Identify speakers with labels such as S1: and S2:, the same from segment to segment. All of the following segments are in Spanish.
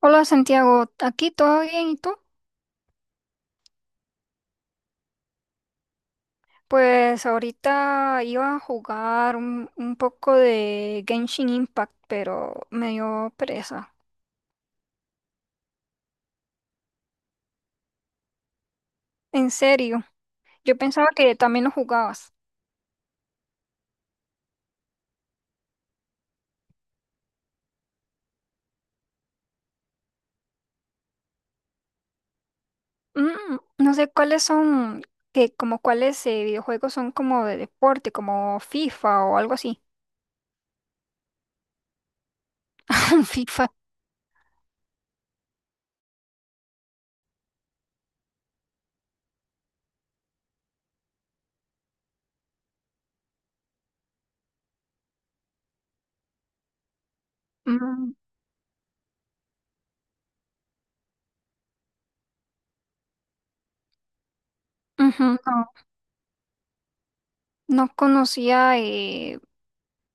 S1: Hola Santiago, aquí todo bien, ¿y tú? Pues ahorita iba a jugar un poco de Genshin Impact, pero me dio pereza. En serio, yo pensaba que también lo jugabas. No sé cuáles son, que como cuáles videojuegos son como de deporte, como FIFA o algo así. FIFA. Mm, Ujú, no, no conocía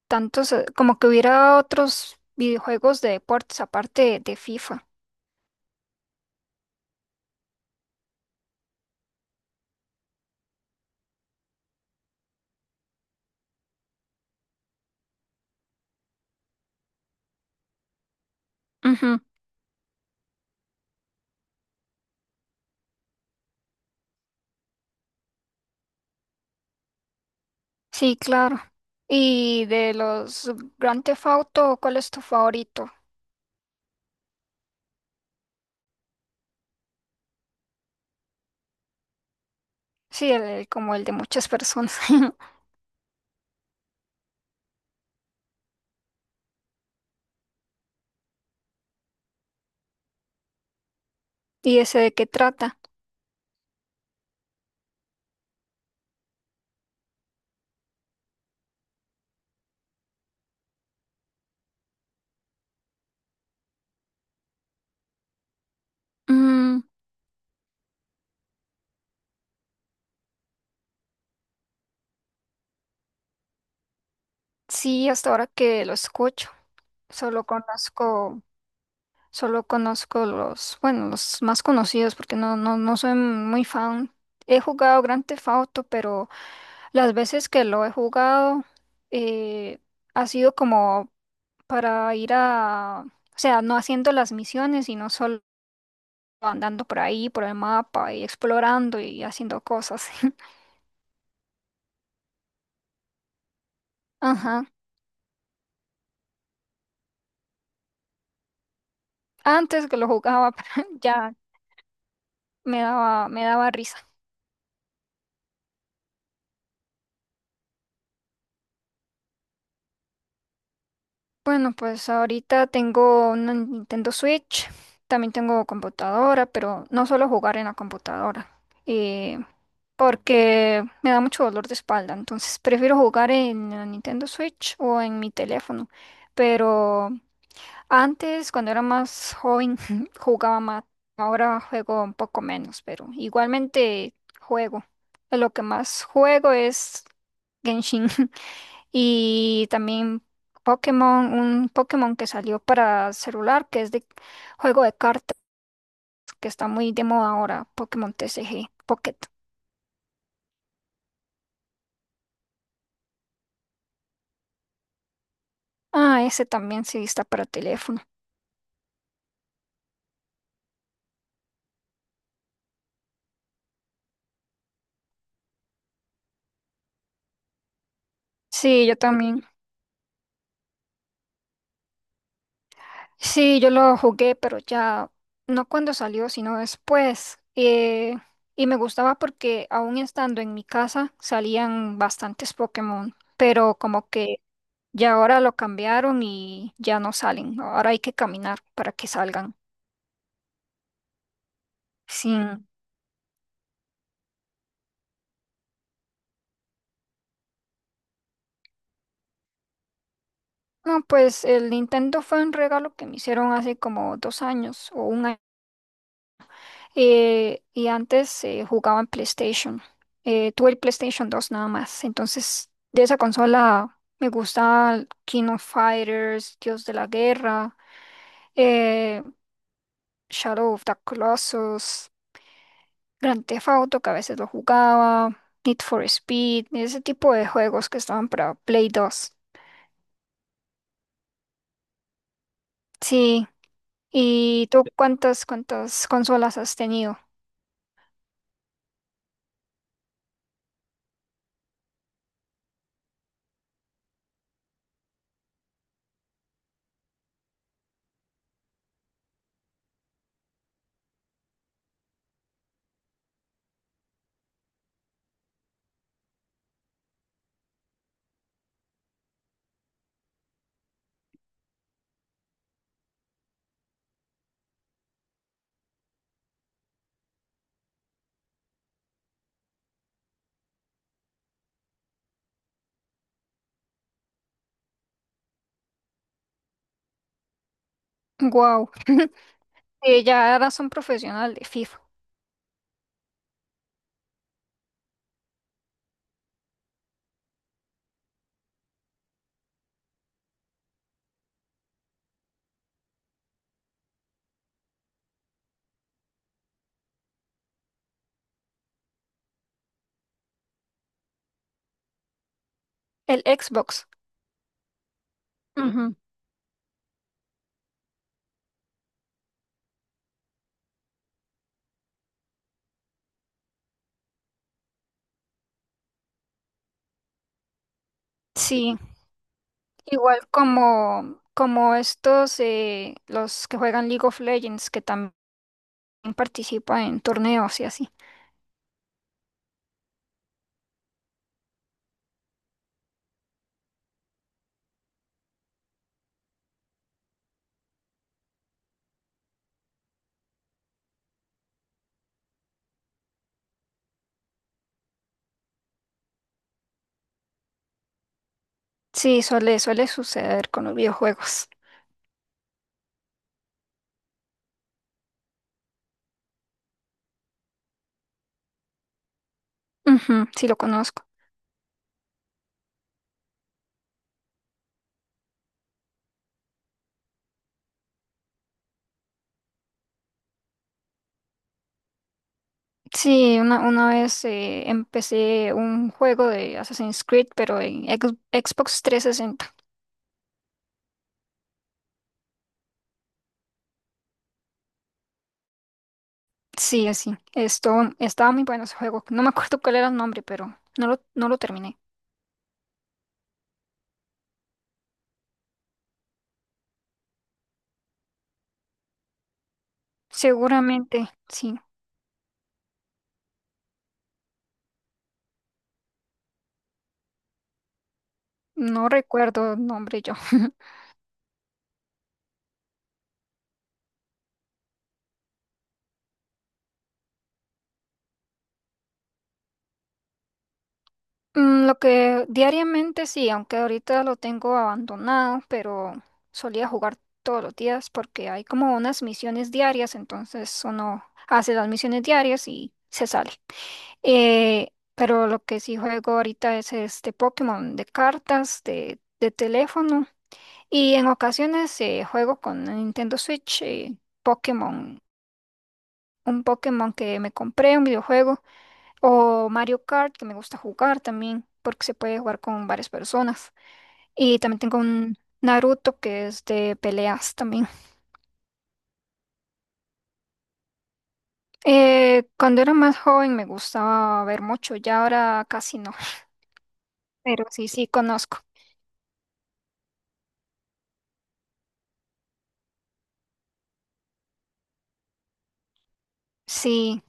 S1: tantos, como que hubiera otros videojuegos de deportes aparte de FIFA. Sí, claro. Y de los Grand Theft Auto, ¿cuál es tu favorito? Sí, como el de muchas personas. ¿Y ese de qué trata? Mm, sí, hasta ahora que lo escucho, solo conozco, solo conozco los, bueno, los más conocidos porque no soy muy fan. He jugado Grand Theft Auto, pero las veces que lo he jugado eh, ha sido como para ir a, o sea, no haciendo las misiones, sino solo andando por ahí, por el mapa y explorando y haciendo cosas. Ajá. Antes que lo jugaba, pero ya me daba risa. Bueno, pues ahorita tengo una Nintendo Switch, también tengo computadora, pero no suelo jugar en la computadora, eh, porque me da mucho dolor de espalda, entonces prefiero jugar en la Nintendo Switch o en mi teléfono, pero antes, cuando era más joven, jugaba más. Ahora juego un poco menos, pero igualmente juego. Lo que más juego es Genshin y también Pokémon, un Pokémon que salió para celular, que es de juego de cartas, que está muy de moda ahora, Pokémon TCG Pocket. Ah, ese también sí está para teléfono. Sí, yo también. Sí, yo lo jugué, pero ya no cuando salió, sino después. Y me gustaba porque aún estando en mi casa salían bastantes Pokémon, pero como que ya ahora lo cambiaron y ya no salen, ¿no? Ahora hay que caminar para que salgan. Sí. No, pues el Nintendo fue un regalo que me hicieron hace como 2 años o un año. Y antes jugaba en PlayStation. Tuve el PlayStation 2 nada más. Entonces, de esa consola me gusta King of Fighters, Dios de la Guerra, eh, Shadow of the Colossus, Grand Theft Auto, que a veces lo jugaba, Need for Speed, ese tipo de juegos que estaban para Play 2. Sí. ¿Y tú cuántas consolas has tenido? Wow. Ya eras un profesional de FIFA. El Xbox. Ujú. Sí. Igual como, estos, los que juegan League of Legends, que también participan en torneos y así. Sí, suele suceder con los videojuegos. Ujú, sí, lo conozco. Sí, una vez empecé un juego de Assassin's Creed, pero en Xbox 360. Sí, así. Esto, estaba muy bueno ese juego. No me acuerdo cuál era el nombre, pero no lo terminé. Seguramente, sí. No recuerdo el nombre yo. Lo que diariamente sí, aunque ahorita lo tengo abandonado, pero solía jugar todos los días porque hay como unas misiones diarias, entonces uno hace las misiones diarias y se sale. Pero lo que sí juego ahorita es este Pokémon de cartas, de teléfono y en ocasiones juego con Nintendo Switch, Pokémon, un Pokémon que me compré, un videojuego. O Mario Kart, que me gusta jugar también, porque se puede jugar con varias personas. Y también tengo un Naruto, que es de peleas también. Cuando era más joven me gustaba ver mucho, ya ahora casi no, pero sí, sí conozco. Sí,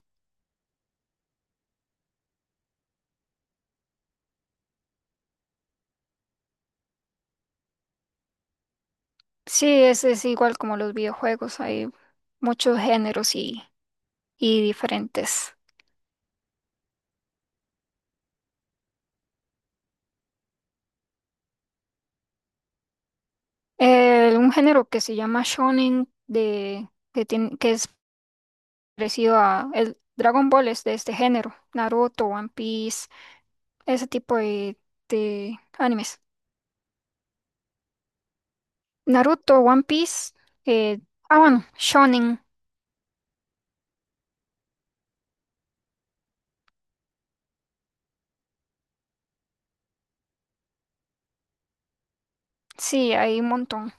S1: sí, es igual como los videojuegos, hay muchos géneros y diferentes. Un género que se llama shonen, que es parecido a el Dragon Ball es de este género, Naruto, One Piece, ese tipo de animes. Naruto, One Piece, eh, ah bueno, Shonen, sí, hay un montón.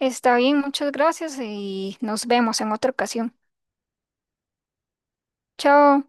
S1: Está bien, muchas gracias y nos vemos en otra ocasión. Chao.